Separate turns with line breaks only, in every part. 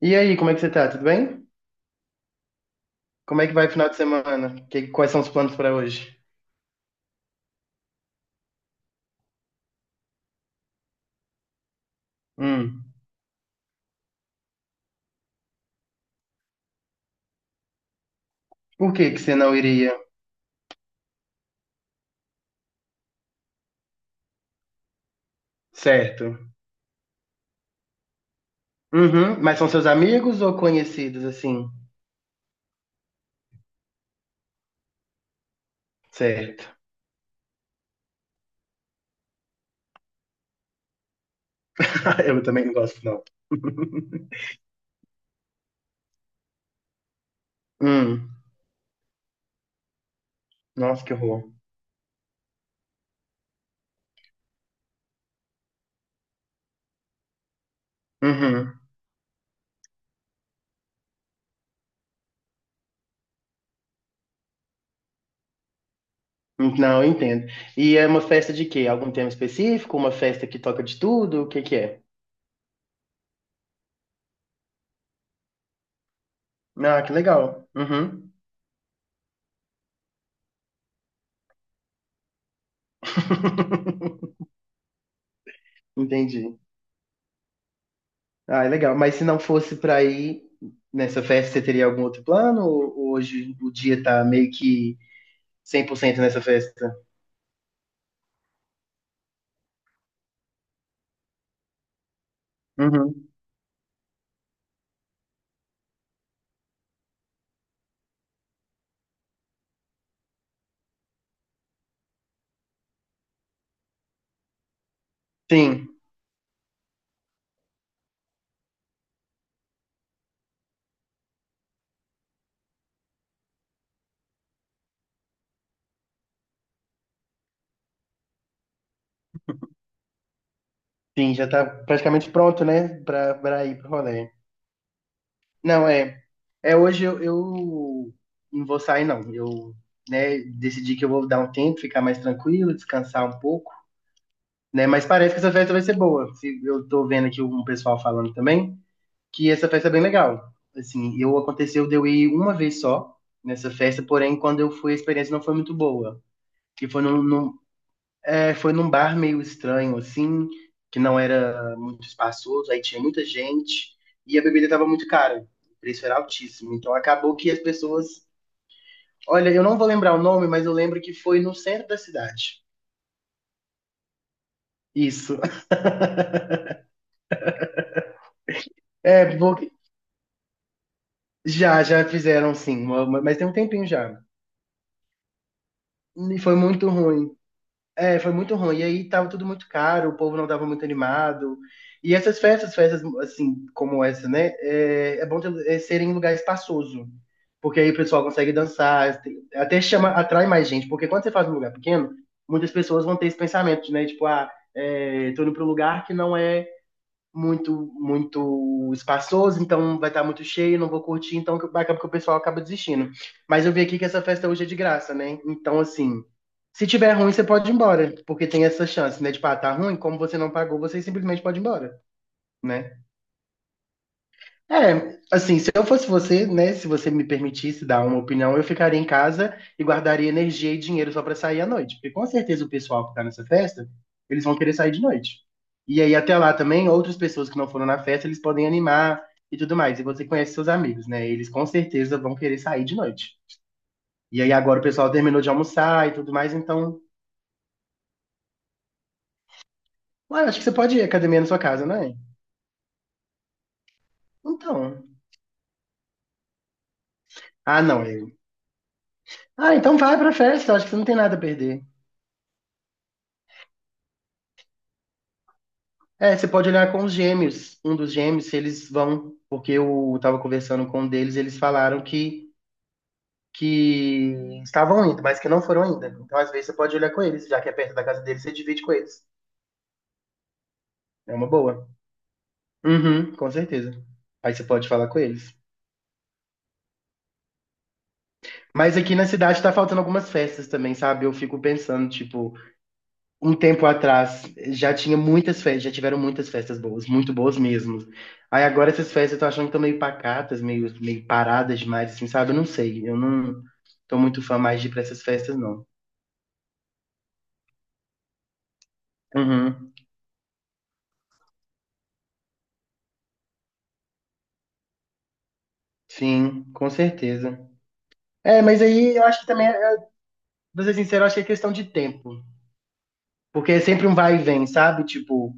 E aí, como é que você tá? Tudo bem? Como é que vai o final de semana? Quais são os planos para hoje? Hum. Por que que você não iria? Certo. Uhum. Mas são seus amigos ou conhecidos, assim? Certo. Eu também não gosto, não. Hum. Nossa, que horror. Uhum. Não, eu entendo. E é uma festa de quê? Algum tema específico? Uma festa que toca de tudo? O que que é? Ah, que legal. Uhum. Entendi. Ah, é legal. Mas se não fosse para ir nessa festa, você teria algum outro plano? Ou hoje o dia tá meio que 100% nessa festa? Uhum. Sim, sim, já tá praticamente pronto, né? Pra ir pro rolê. Não, é. É hoje eu não vou sair, não. Eu, né, decidi que eu vou dar um tempo, ficar mais tranquilo, descansar um pouco, né? Mas parece que essa festa vai ser boa. Eu tô vendo aqui um pessoal falando também, que essa festa é bem legal. Assim, eu aconteceu de eu ir uma vez só nessa festa, porém, quando eu fui, a experiência não foi muito boa. Que foi é, foi num bar meio estranho, assim, que não era muito espaçoso, aí tinha muita gente e a bebida estava muito cara. O preço era altíssimo. Então acabou que as pessoas. Olha, eu não vou lembrar o nome, mas eu lembro que foi no centro da cidade. Isso. É, porque já fizeram sim, mas tem um tempinho já. E foi muito ruim. É, foi muito ruim. E aí tava tudo muito caro, o povo não tava muito animado. E essas festas, festas assim, como essa, né? É bom ter, ser em lugar espaçoso. Porque aí o pessoal consegue dançar, até chama, atrai mais gente. Porque quando você faz um lugar pequeno, muitas pessoas vão ter esse pensamento, né? Tipo, ah, tô indo pra um lugar que não é muito muito espaçoso, então vai estar muito cheio, não vou curtir, então acaba que o pessoal acaba desistindo. Mas eu vi aqui que essa festa hoje é de graça, né? Então, assim, se tiver ruim, você pode ir embora, porque tem essa chance, né? Tipo, ah, tá ruim, como você não pagou, você simplesmente pode ir embora, né? É, assim, se eu fosse você, né, se você me permitisse dar uma opinião, eu ficaria em casa e guardaria energia e dinheiro só pra sair à noite, porque com certeza o pessoal que tá nessa festa, eles vão querer sair de noite. E aí até lá também, outras pessoas que não foram na festa, eles podem animar e tudo mais. E você conhece seus amigos, né? Eles com certeza vão querer sair de noite. E aí agora o pessoal terminou de almoçar e tudo mais, então, ué, acho que você pode ir à academia na sua casa, não é? Então, ah, não, eu. Ah, então vai pra festa, acho que você não tem nada a perder. É, você pode olhar com os gêmeos. Um dos gêmeos, se eles vão, porque eu estava conversando com um deles, eles falaram que estavam indo, mas que não foram ainda. Então, às vezes, você pode olhar com eles, já que é perto da casa deles, você divide com eles. É uma boa. Uhum, com certeza. Aí você pode falar com eles. Mas aqui na cidade tá faltando algumas festas também, sabe? Eu fico pensando, tipo, um tempo atrás já tinha muitas festas, já tiveram muitas festas boas, muito boas mesmo. Aí agora essas festas eu tô achando que estão meio pacatas, meio paradas demais, assim, sabe? Eu não sei, eu não tô muito fã mais de ir pra essas festas, não. Uhum, sim, com certeza. É, mas aí eu acho que também, pra ser sincero, eu acho que é questão de tempo. Porque é sempre um vai e vem, sabe? Tipo,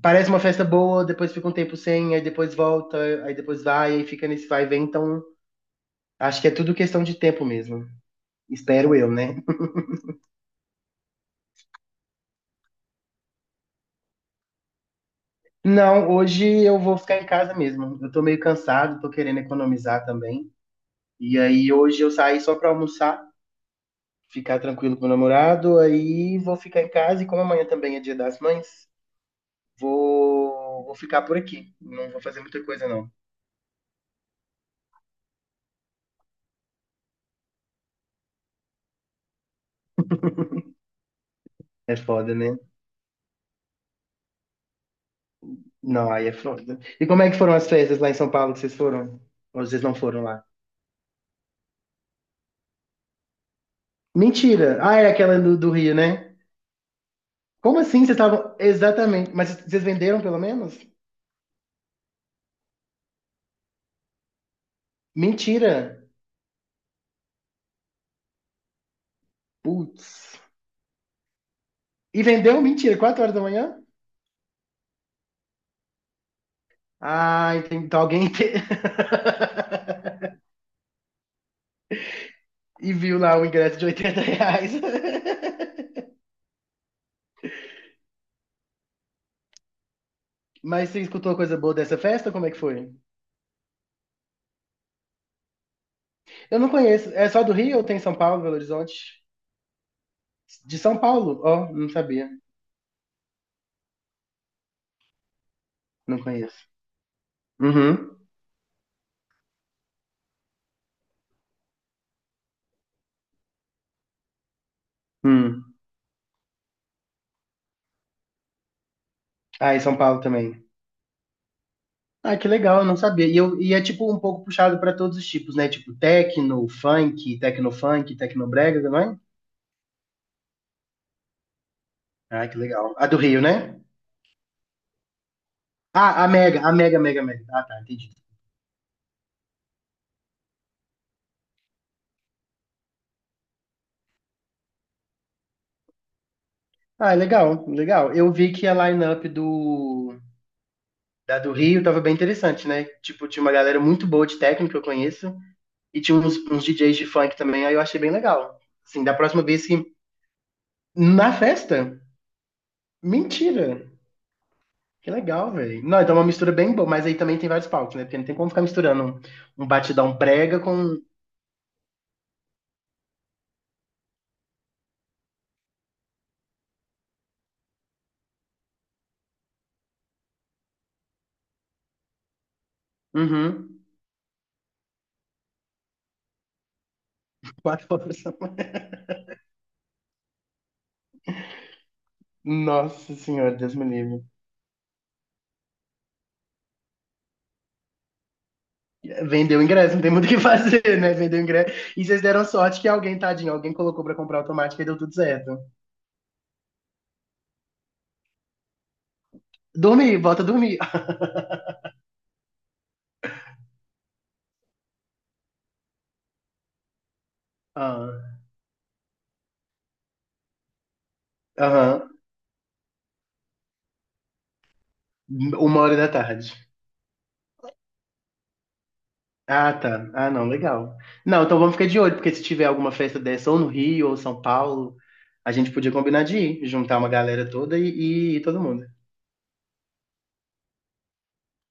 parece uma festa boa, depois fica um tempo sem, aí depois volta, aí depois vai, aí fica nesse vai e vem. Então, acho que é tudo questão de tempo mesmo. Espero eu, né? Não, hoje eu vou ficar em casa mesmo. Eu tô meio cansado, tô querendo economizar também. E aí hoje eu saí só pra almoçar, ficar tranquilo com o namorado, aí vou ficar em casa e como amanhã também é Dia das Mães, vou ficar por aqui. Não vou fazer muita coisa não. É foda, né? Não, aí é foda. E como é que foram as festas lá em São Paulo que vocês foram? Ou vocês não foram lá? Mentira. Ah, é aquela do Rio, né? Como assim? Vocês estavam exatamente, mas vocês venderam pelo menos? Mentira. Putz. E vendeu? Mentira, 4 horas da manhã? Ah, entendi. Então alguém. E viu lá o ingresso de R$ 80. Mas você escutou coisa boa dessa festa? Como é que foi? Eu não conheço. É só do Rio ou tem São Paulo, Belo Horizonte? De São Paulo? Ó, não sabia. Não conheço. Uhum. Hum. Ah, e São Paulo também. Ah, que legal, eu não sabia. E é tipo um pouco puxado pra todos os tipos, né? Tipo techno, funk, tecno brega, não é? Ah, que legal. A do Rio, né? Ah, a Mega, Mega, Mega. Ah, tá, entendi. Ah, legal, legal. Eu vi que a line-up da do Rio tava bem interessante, né? Tipo, tinha uma galera muito boa de técnico que eu conheço e tinha uns DJs de funk também, aí eu achei bem legal. Assim, da próxima vez que... Na festa? Mentira! Que legal, velho. Não, então é uma mistura bem boa, mas aí também tem vários palcos, né? Porque não tem como ficar misturando um batidão brega com... Uhum. 4 horas. Nossa senhora, Deus me livre. Vendeu o ingresso, não tem muito o que fazer, né? Vendeu o ingresso. E vocês deram sorte que alguém, tadinho, alguém colocou pra comprar automático e deu tudo certo. Dormi, volta a dormir. Ah, aham. 1 hora da tarde. Ah, tá. Ah, não, legal. Não, então vamos ficar de olho, porque se tiver alguma festa dessa, ou no Rio, ou São Paulo, a gente podia combinar de ir, juntar uma galera toda e ir todo mundo.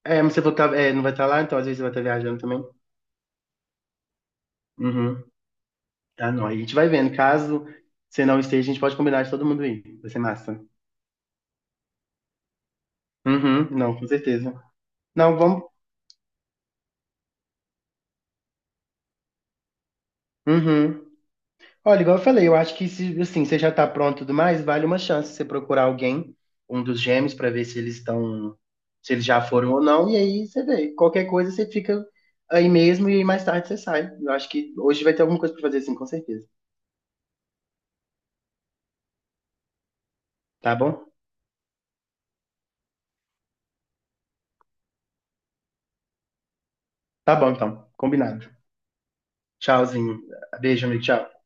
É, mas você não vai estar lá, então às vezes você vai estar viajando também. Uhum. Tá, não. Aí a gente vai vendo. Caso você não esteja, a gente pode combinar de todo mundo ir. Vai ser massa. Uhum, não, com certeza. Não, vamos. Uhum. Olha, igual eu falei, eu acho que se assim, você já tá pronto e tudo mais, vale uma chance você procurar alguém, um dos gêmeos, pra ver se eles estão, se eles já foram ou não, e aí você vê. Qualquer coisa você fica aí mesmo e mais tarde você sai. Eu acho que hoje vai ter alguma coisa pra fazer assim, com certeza. Tá bom? Tá bom, então. Combinado. Tchauzinho. Beijo, amigo. Tchau.